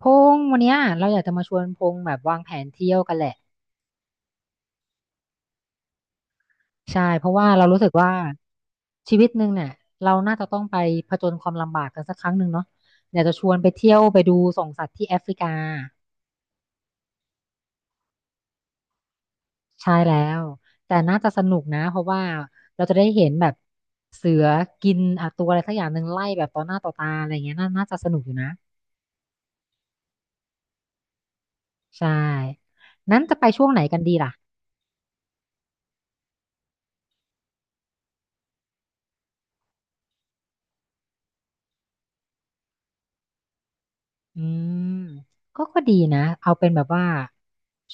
พงษ์วันเนี้ยเราอยากจะมาชวนพงษ์แบบวางแผนเที่ยวกันแหละใช่เพราะว่าเรารู้สึกว่าชีวิตหนึ่งเนี่ยเราน่าจะต้องไปผจญความลำบากกันสักครั้งหนึ่งเนาะอยากจะชวนไปเที่ยวไปดูส่องสัตว์ที่แอฟริกาใช่แล้วแต่น่าจะสนุกนะเพราะว่าเราจะได้เห็นแบบเสือกินอ่ะตัวอะไรสักอย่างหนึ่งไล่แบบต่อหน้าต่อตาอะไรเงี้ยน่าน่าจะสนุกอยู่นะใช่นั้นจะไปช่วงไหนกันดีล่ะ อืมก็ดีนะเอาเป็นแบบว่า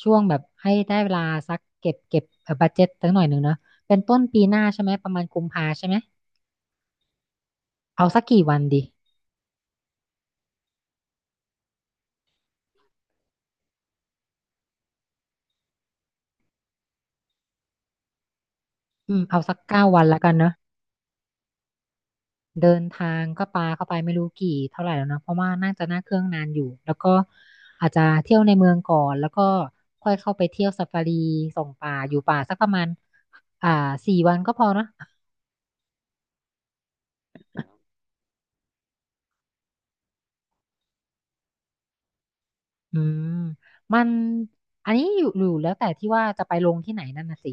ช่วงแบบให้ได้เวลาสักเก็บบัดเจ็ตสักหน่อยหนึ่งเนาะเป็นต้นปีหน้าใช่ไหมประมาณกุมภาใช่ไหมเอาสักกี่วันดีอืมเอาสัก9 วันแล้วกันเนาะเดินทางก็ปาเข้าไปไม่รู้กี่เท่าไหร่แล้วเนาะเพราะว่าน่าจะนั่งเครื่องนานอยู่แล้วก็อาจจะเที่ยวในเมืองก่อนแล้วก็ค่อยเข้าไปเที่ยวซาฟารีส่องป่าอยู่ป่าสักประมาณอ่าสี่วันก็พอเนาะ อืมมันอันนี้อยู่แล้วแต่ที่ว่าจะไปลงที่ไหนนั่นน่ะสิ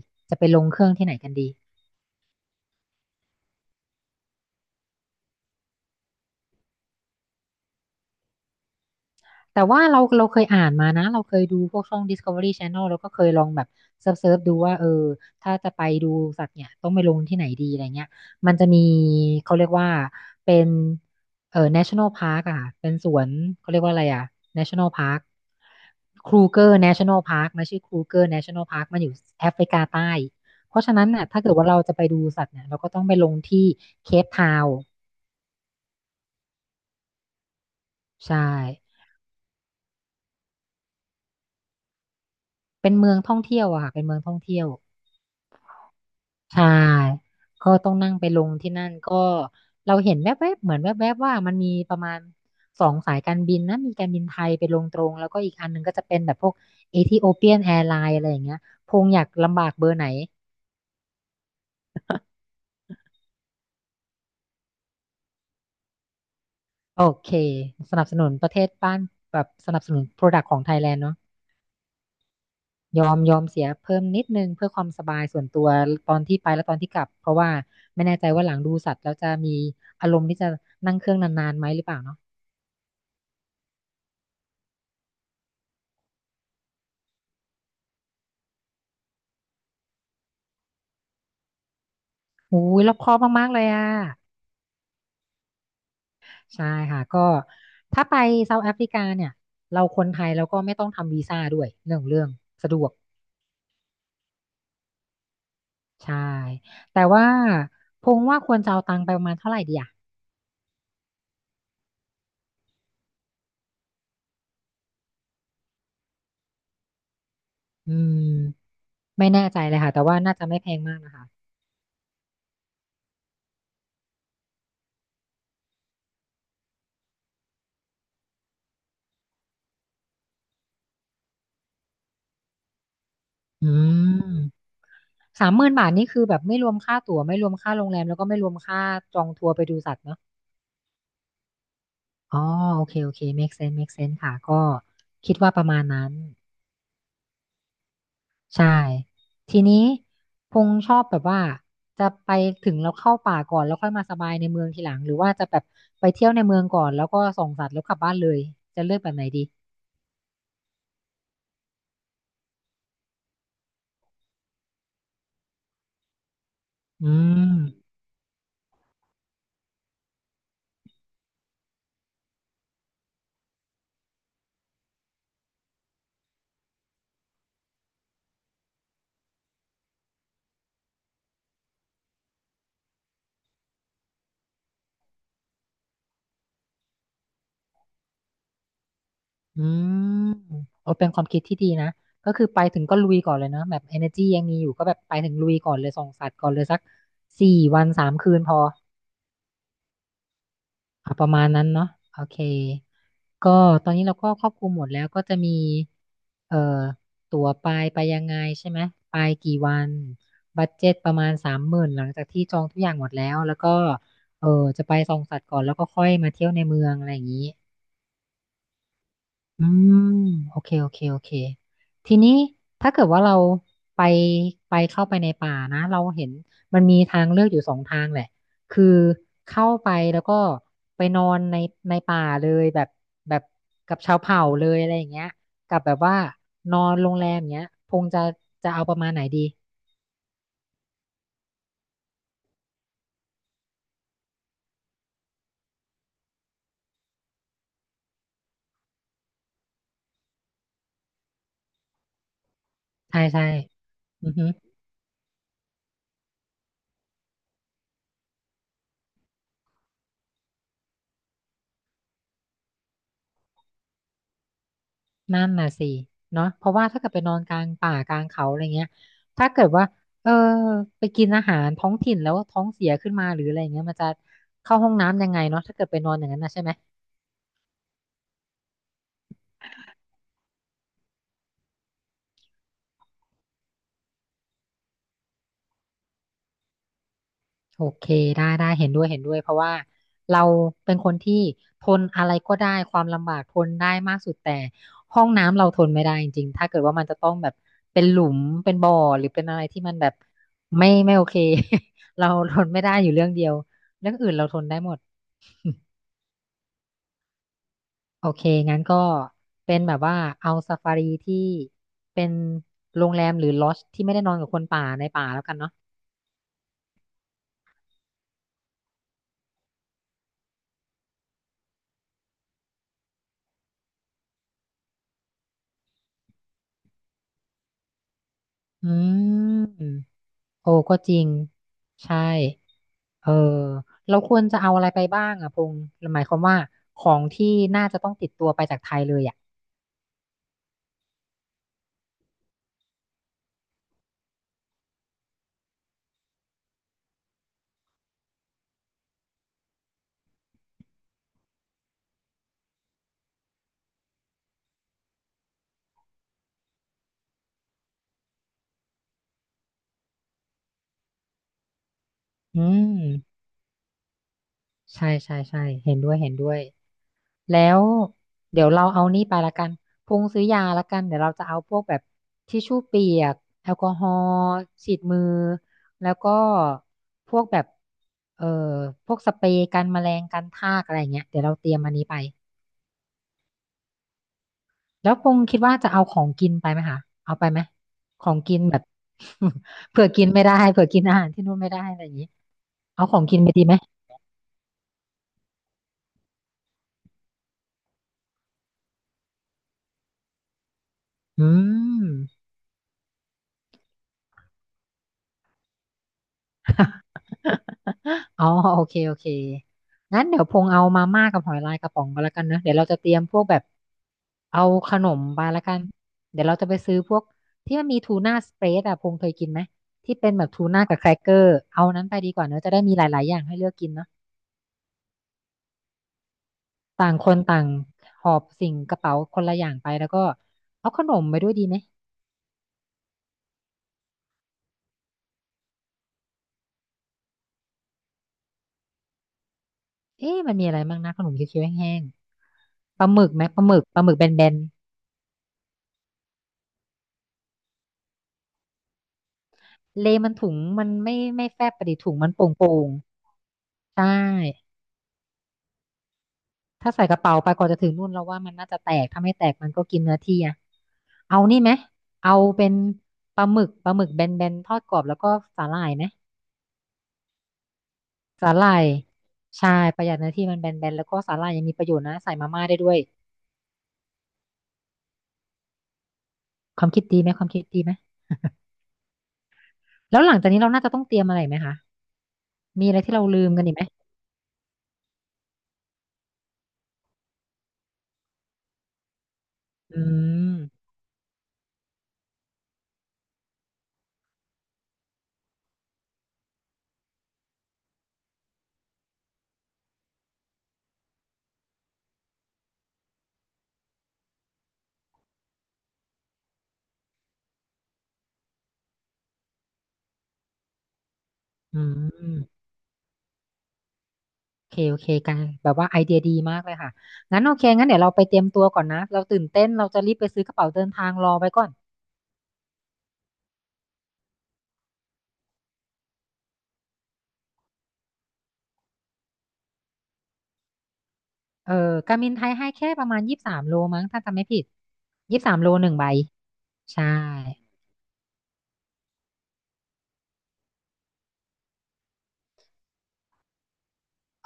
แต่ว่าเราเคยอ่านมานะเราเคยดูพวกช่อง Discovery Channel แล้วก็เคยลองแบบเซิร์ฟดูว่าเออถ้าจะไปดูสัตว์เนี่ยต้องไปลงที่ไหนดีอะไรเงี้ยมันจะมีเขาเรียกว่าเป็นNational Park อะค่ะเป็นสวนเขาเรียกว่าอะไรอะ National Park คร u g e r National Park มันชื่อครูเกอร์ National Park มันอยู่แอฟริกาใต้เพราะฉะนั้นน่ะถ้าเกิดว่าเราจะไปดูสัตว์เนี่ยเราก็ต้องไปลงที่เคปทาวน์ใช่เป็นเมืองท่องเที่ยวอะค่ะเป็นเมืองท่องเที่ยว ใช่ก็ต้องนั่งไปลงที่นั่นก็เราเห็นแวบๆเหมือนแวบๆว่ามันมีประมาณสองสายการบินนะมีการบินไทยไปลงตรงแล้วก็อีกอันหนึงก็จะเป็นแบบพวกเอธิโอเปียนแอร์ไลน์อะไรอย่างเงี้ยพงอยากลำบากเบอร์ไหนโอเคสนับสนุนประเทศบ้านแบบสนับสนุนโปรดักต์ของไทยแลนด์เนาะยอมเสียเพิ่มนิดนึงเพื่อความสบายส่วนตัวตอนที่ไปและตอนที่กลับเพราะว่าไม่แน่ใจว่าหลังดูสัตว์แล้วจะมีอารมณ์ที่จะนั่งเครื่องนานๆไหมหรือเปล่าเนาะโอ้ยรอบคอบมากๆเลยอ่ะ ใช่ค่ะก็ถ้าไปเซาท์แอฟริกาเนี่ยเราคนไทยเราก็ไม่ต้องทำวีซ่าด้วยเรื่องสะดวกใช่แต่ว่าพงว่าควรจะเอาตังค์ไปประมาณเท่าไหร่ดีอ่ะอืมไม่แน่ใจเลยค่ะแต่ว่าน่าจะไม่แพงมากนะคะอืม30,000 บาทนี่คือแบบไม่รวมค่าตั๋วไม่รวมค่าโรงแรมแล้วก็ไม่รวมค่าจองทัวร์ไปดูสัตว์เนาะอ๋อโอเคโอเค make sense make sense ค่ะก็คิดว่าประมาณนั้น ใช่ทีนี้พงษ์ชอบแบบว่าจะไปถึงเราเข้าป่าก่อนแล้วค่อยมาสบายในเมืองทีหลังหรือว่าจะแบบไปเที่ยวในเมืองก่อนแล้วก็ส่องสัตว์แล้วกลับบ้านเลยจะเลือกแบบไหนดีอืมอืมโอ้เป็นความคิดที่ดีนะก็คือไปถึงก็ลุยก่อนเลยเนอะแบบ energy ยังมีอยู่ก็แบบไปถึงลุยก่อนเลยส่องสัตว์ก่อนเลยสัก4 วัน 3 คืนพอ อ่ะประมาณนั้นเนาะโอเคก็ตอนนี้เราก็ครอบคลุมหมดแล้วก็จะมีเอ่อตั๋วไปยังไงใช่ไหมไปกี่วันบัดเจ็ตประมาณสามหมื่นหลังจากที่จองทุกอย่างหมดแล้วแล้วก็เออจะไปส่องสัตว์ก่อนแล้วก็ค่อยมาเที่ยวในเมืองอะไรอย่างนี้ อืมโอเคโอเคโอเคทีนี้ถ้าเกิดว่าเราไปเข้าไปในป่านะเราเห็นมันมีทางเลือกอยู่สองทางแหละคือเข้าไปแล้วก็ไปนอนในป่าเลยแบบแบบกับชาวเผ่าเลยอะไรอย่างเงี้ยกับแบบว่านอนโรงแรมอย่างเงี้ยคงจะจะเอาประมาณไหนดีใช่ใช่อือฮึ นั่นน่ะสิเนาะเพราะว่าถ้าเกิดไปนอนกลางป่ากลางเขาอะไรเงี้ยถ้าเกิดว่าเออไปกินอาหารท้องถิ่นแล้วท้องเสียขึ้นมาหรืออะไรเงี้ยมันจะเข้าห้องน้ำยังไงเนาะถ้าเกิดไปนอนอย่างนั้นนะใช่ไหมโอเคได้ได้เห็นด้วยเห็นด้วยเพราะว่าเราเป็นคนที่ทนอะไรก็ได้ความลำบากทนได้มากสุดแต่ห้องน้ำเราทนไม่ได้จริงๆถ้าเกิดว่ามันจะต้องแบบเป็นหลุมเป็นบ่อหรือเป็นอะไรที่มันแบบไม่โอเค เราทนไม่ได้อยู่เรื่องเดียวเรื่องอื่นเราทนได้หมด โอเค งั้นก็เป็นแบบว่าเอาซาฟารีที่เป็นโรงแรมหรือลอดจ์ที่ไม่ได้นอนกับคนป่าในป่าแล้วกันเนาะอืม โอ้ก็จริง ใช่ เออ เราควรจะเอาอะไรไปบ้างอะพงษ์หมายความว่าของที่น่าจะต้องติดตัวไปจากไทยเลยอะ อืม ใช่ ใช่ ใช่ เห็นด้วยเห็นด้วย แล้วเดี๋ยวเราเอานี่ไปละกันพงซื้อยาละกันเดี๋ยวเราจะเอาพวกแบบทิชชู่เปียกแอลกอฮอล์ฉีดมือแล้วก็พวกแบบเอ่อพวกสเปรย์กันแมลงกันทากอะไรอย่างเงี้ยเดี๋ยวเราเตรียมอันนี้ไปแล้วพงคิดว่าจะเอาของกินไปไหมคะเอาไปไหมของกินแบบ เผื่อกินไม่ได้เผื่อกินอาหารที่นู่นไม่ได้อะไรอย่างงี้เอาของกินไปดีไหมอืม อ๋อโอเคโอเคงั้นเดี๋ยวพงเอามาม่ากับหอยลายกระป๋องกัแล้วกันเนอะเดี๋ยวเราจะเตรียมพวกแบบเอาขนมไปแล้วกันเดี๋ยวเราจะไปซื้อพวกที่มันมีทูน่าสเปรดอะพงเคยกินไหมที่เป็นแบบทูน่ากับแครกเกอร์เอานั้นไปดีกว่าเนอะจะได้มีหลาย ๆ อย่างให้เลือกกินเนอะต่างคนต่างหอบสิ่งกระเป๋าคนละอย่างไปแล้วก็เอาขนมไปด้วยดีไหมเอ๊ะมันมีอะไรบ้างนะขนมเคี้ยวๆแห้งๆปลาหมึกไหมปลาหมึกแบนๆ เลมันถุงมันไม่แฟบไปดิถุงมันโป่งๆ่งใช่ถ้าใส่กระเป๋าไปกว่อนจะถึงนู่นเราว่ามันน่าจะแตกถ้าไม่แตกมันก็กินเนื้อที่อะเอานี่ไหมเอาเป็นปลาหมึกแบนๆทอดกรอบแล้วก็สาหร่ายไหมสาหร่ายใช่ประหยัดเนื้อที่มันแบนๆแล้วก็สาหร่ายยังมีประโยชน์นะใส่มาม่าได้ด้วยความคิดดีไหมความคิดดีไหมแล้วหลังจากนี้เราน่าจะต้องเตรียมอะไรไหมคะมีอะไรที่เราลืมกันอีกไหมอืมอืม โอเคโอเคกันแบบว่าไอเดียดีมากเลยค่ะงั้นโอเคงั้นเดี๋ยวเราไปเตรียมตัวก่อนนะเราตื่นเต้นเราจะรีบไปซื้อกระเป๋าเดินทางรอไว้ก่อนเออการบินไทยให้แค่ประมาณยี่สิบสามโลมั้งถ้าจำไม่ผิดยี่สิบสามโลหนึ่งใบใช่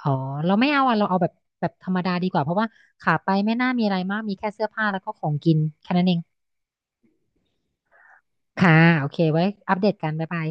อ๋อเราไม่เอาอ่ะเราเอาแบบแบบธรรมดาดีกว่าเพราะว่าขาไปไม่น่ามีอะไรมากมีแค่เสื้อผ้าแล้วก็ของกินแค่นั้นเองค่ะโอเคไว้อัปเดตกันบ๊ายบาย